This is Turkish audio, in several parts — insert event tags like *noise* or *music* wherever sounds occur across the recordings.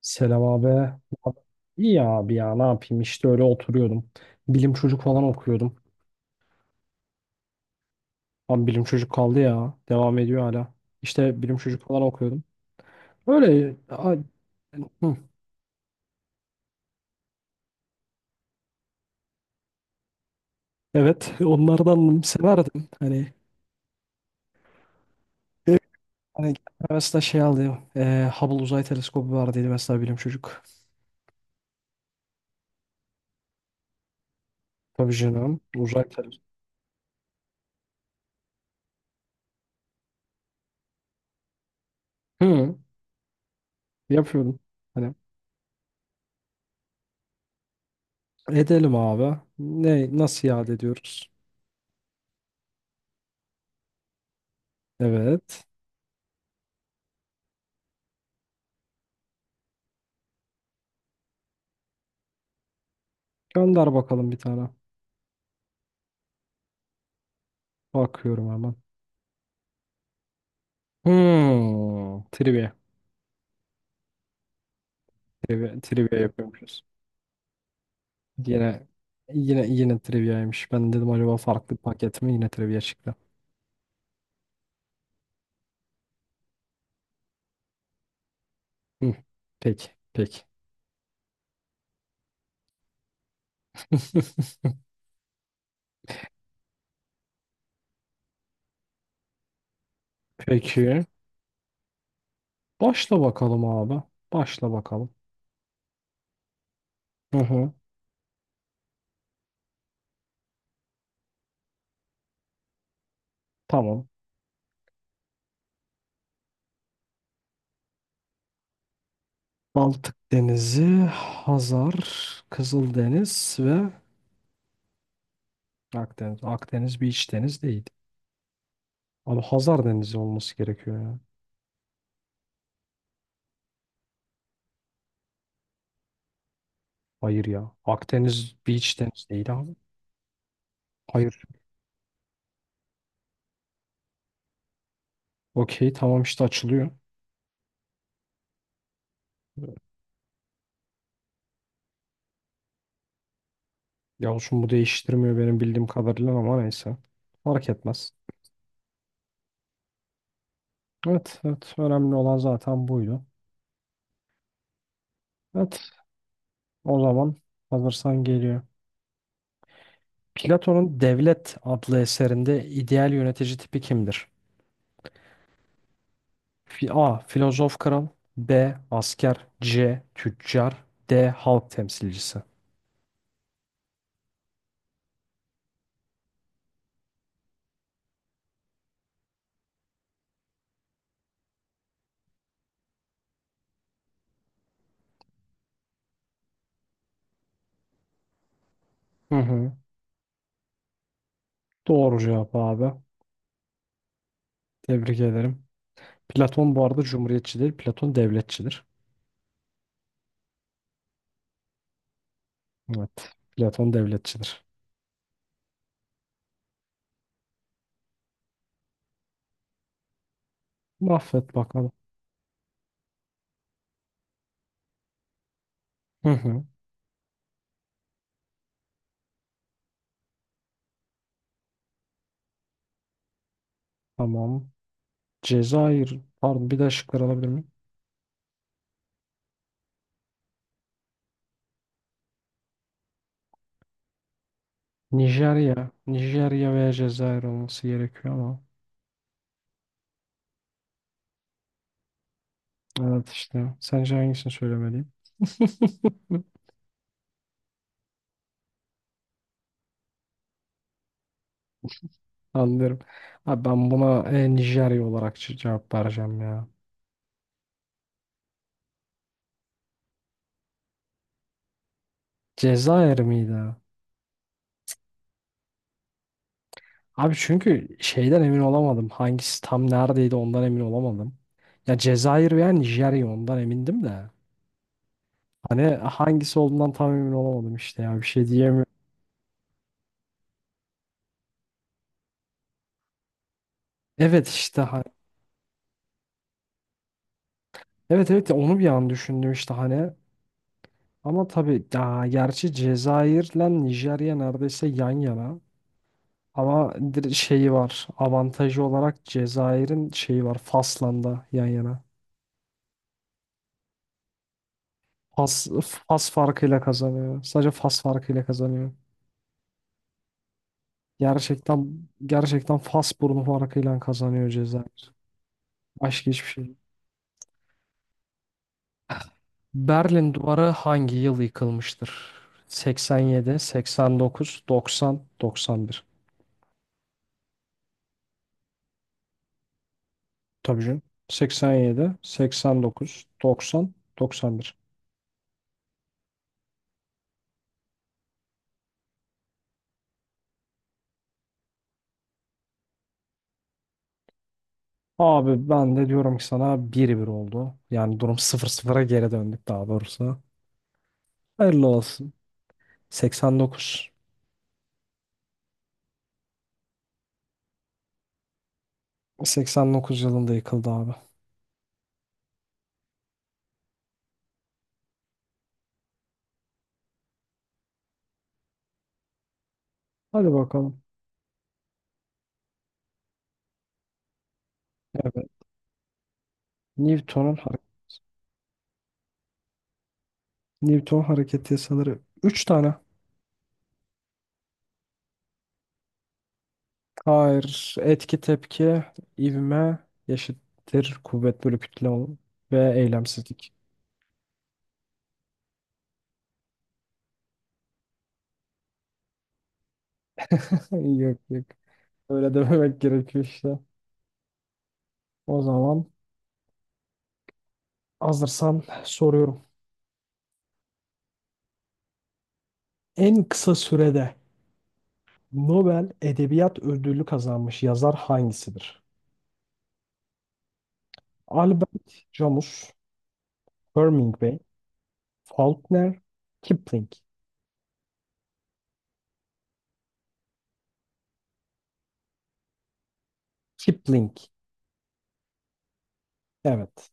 Selam abi. İyi ya abi ya ne yapayım işte öyle oturuyordum. Bilim çocuk falan okuyordum. Abi bilim çocuk kaldı ya. Devam ediyor hala. İşte bilim çocuk falan okuyordum. Öyle hı. Evet *laughs* onlardan severdim. Hani mesela şey aldı. Hubble Uzay Teleskobu vardıydı mesela bilim çocuk. Tabii canım. Uzay teleskobu. Hı, yapıyordum. Hani edelim abi. Nasıl iade ediyoruz? Evet. Gönder bakalım bir tane. Bakıyorum hemen. Hmm, trivia. Trivia, trivia yapıyormuşuz. Yine yine yine triviaymış. Ben dedim acaba farklı bir paket mi? Yine trivia çıktı. Hı, peki, peki. *laughs* Peki. Başla bakalım abi. Başla bakalım. Hı hı. Tamam. Baltık Denizi, Hazar, Kızıldeniz ve Akdeniz. Akdeniz bir iç deniz değil. Abi Hazar Denizi olması gerekiyor ya. Hayır ya. Akdeniz bir iç deniz değil abi. Hayır. Okey tamam işte açılıyor. Ya olsun bu değiştirmiyor benim bildiğim kadarıyla ama neyse. Fark etmez. Evet, evet. Önemli olan zaten buydu. Evet, o zaman hazırsan geliyor. Platon'un Devlet adlı eserinde ideal yönetici tipi kimdir? A. Filozof kral. B. Asker. C. Tüccar. D. Halk temsilcisi. Hı hı. Doğru cevap abi. Tebrik ederim. Platon bu arada cumhuriyetçi değil, Platon devletçidir. Evet, Platon devletçidir. Mahvet bakalım. Hı hı. Tamam. Cezayir. Pardon bir daha şıkları alabilir miyim? Nijerya. Nijerya veya Cezayir olması gerekiyor ama. Evet işte. Sence hangisini söylemeliyim? *laughs* Anlıyorum. Abi ben buna Nijerya olarak cevap vereceğim ya. Cezayir miydi? Abi çünkü şeyden emin olamadım. Hangisi tam neredeydi ondan emin olamadım. Ya Cezayir veya Nijerya ondan emindim de. Hani hangisi olduğundan tam emin olamadım işte ya bir şey diyemiyorum. Evet işte. Evet, evet, ya onu bir an düşündüm işte hani. Ama tabii ya gerçi Cezayir'le Nijerya neredeyse yan yana. Ama şeyi var. Avantajı olarak Cezayir'in şeyi var. Fas'la da yan yana. Fas, Fas farkıyla kazanıyor. Sadece Fas farkıyla kazanıyor. Gerçekten gerçekten Fas burnu farkıyla kazanıyor Cezayir. Başka hiçbir şey değil. Berlin Duvarı hangi yıl yıkılmıştır? 87, 89, 90, 91. Tabii canım. 87, 89, 90, 91. Abi ben de diyorum ki sana 1 bir oldu. Yani durum sıfır sıfıra geri döndük daha doğrusu. Hayırlı olsun. 89. 89 yılında yıkıldı abi. Hadi bakalım. Evet. Newton'un hare- Newton hareket yasaları üç tane. Hayır. Etki tepki, ivme, eşittir kuvvet bölü kütle ve eylemsizlik. *laughs* Yok yok. Öyle dememek gerekiyor işte. O zaman hazırsan soruyorum. En kısa sürede Nobel Edebiyat Ödülü kazanmış yazar hangisidir? Albert Camus, Hemingway, Faulkner, Kipling. Kipling. Evet.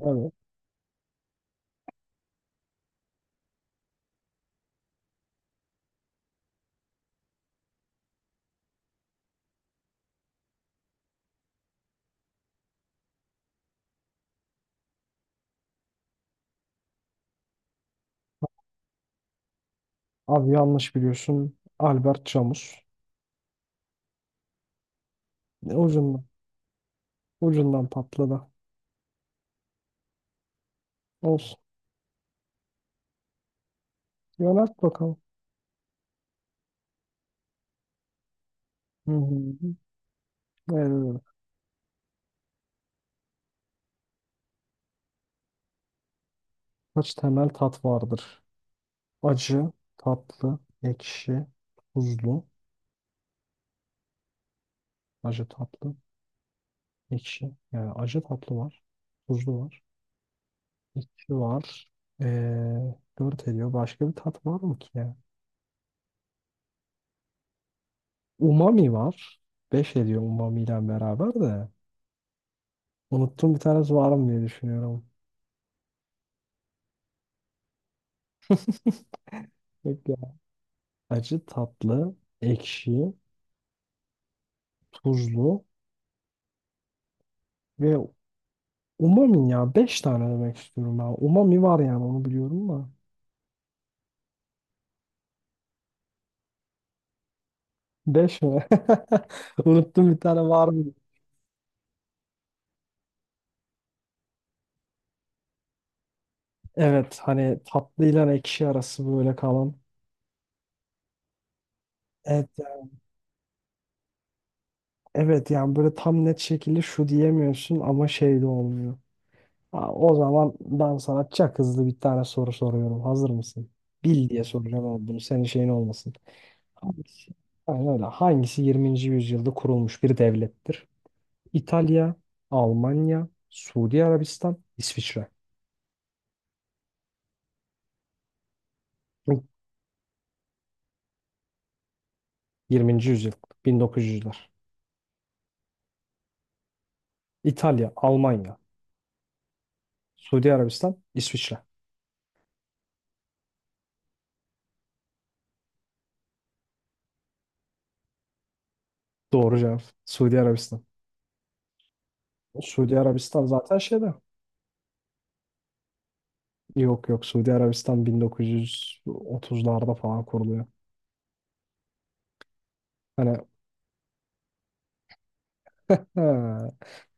Evet. Abi yanlış biliyorsun. Albert Camus. Ne ucundan. Ucundan patladı. Olsun. Yönelt bakalım. Hı hı. Evet. Evet. Kaç temel tat vardır? Acı, tatlı, ekşi, tuzlu. Acı, tatlı. Ekşi. Yani acı tatlı var. Tuzlu var. Ekşi var. 4 ediyor. Başka bir tat var mı ki ya? Umami var. Beş ediyor umami ile beraber de. Unuttum bir tanesi var mı diye düşünüyorum. Yok ya. Acı tatlı, ekşi, tuzlu ve umami ya. Beş tane demek istiyorum ben. Umami var yani onu biliyorum da. Beş mi? *laughs* Unuttum bir tane var mı? Evet hani tatlı ile ekşi arası böyle kalan. Evet, evet, yani böyle tam net şekilde şu diyemiyorsun ama şey de olmuyor. Ha, o zaman ben sana çok hızlı bir tane soru soruyorum. Hazır mısın? Bil diye soracağım ama bunu senin şeyin olmasın. Hangisi? Aynen öyle. Hangisi 20. yüzyılda kurulmuş bir devlettir? İtalya, Almanya, Suudi Arabistan, İsviçre. 20. yüzyıl, 1900'ler. İtalya, Almanya, Suudi Arabistan, İsviçre. Doğru cevap. Suudi Arabistan. Suudi Arabistan zaten şeyde. Yok yok Suudi Arabistan 1930'larda falan kuruluyor. Hani ha,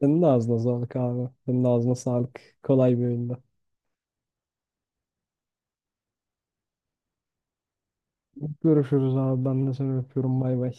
senin de ağzına sağlık abi. Senin de ağzına sağlık. Kolay bir oyunda. Görüşürüz abi. Ben de seni öpüyorum. Bay bay.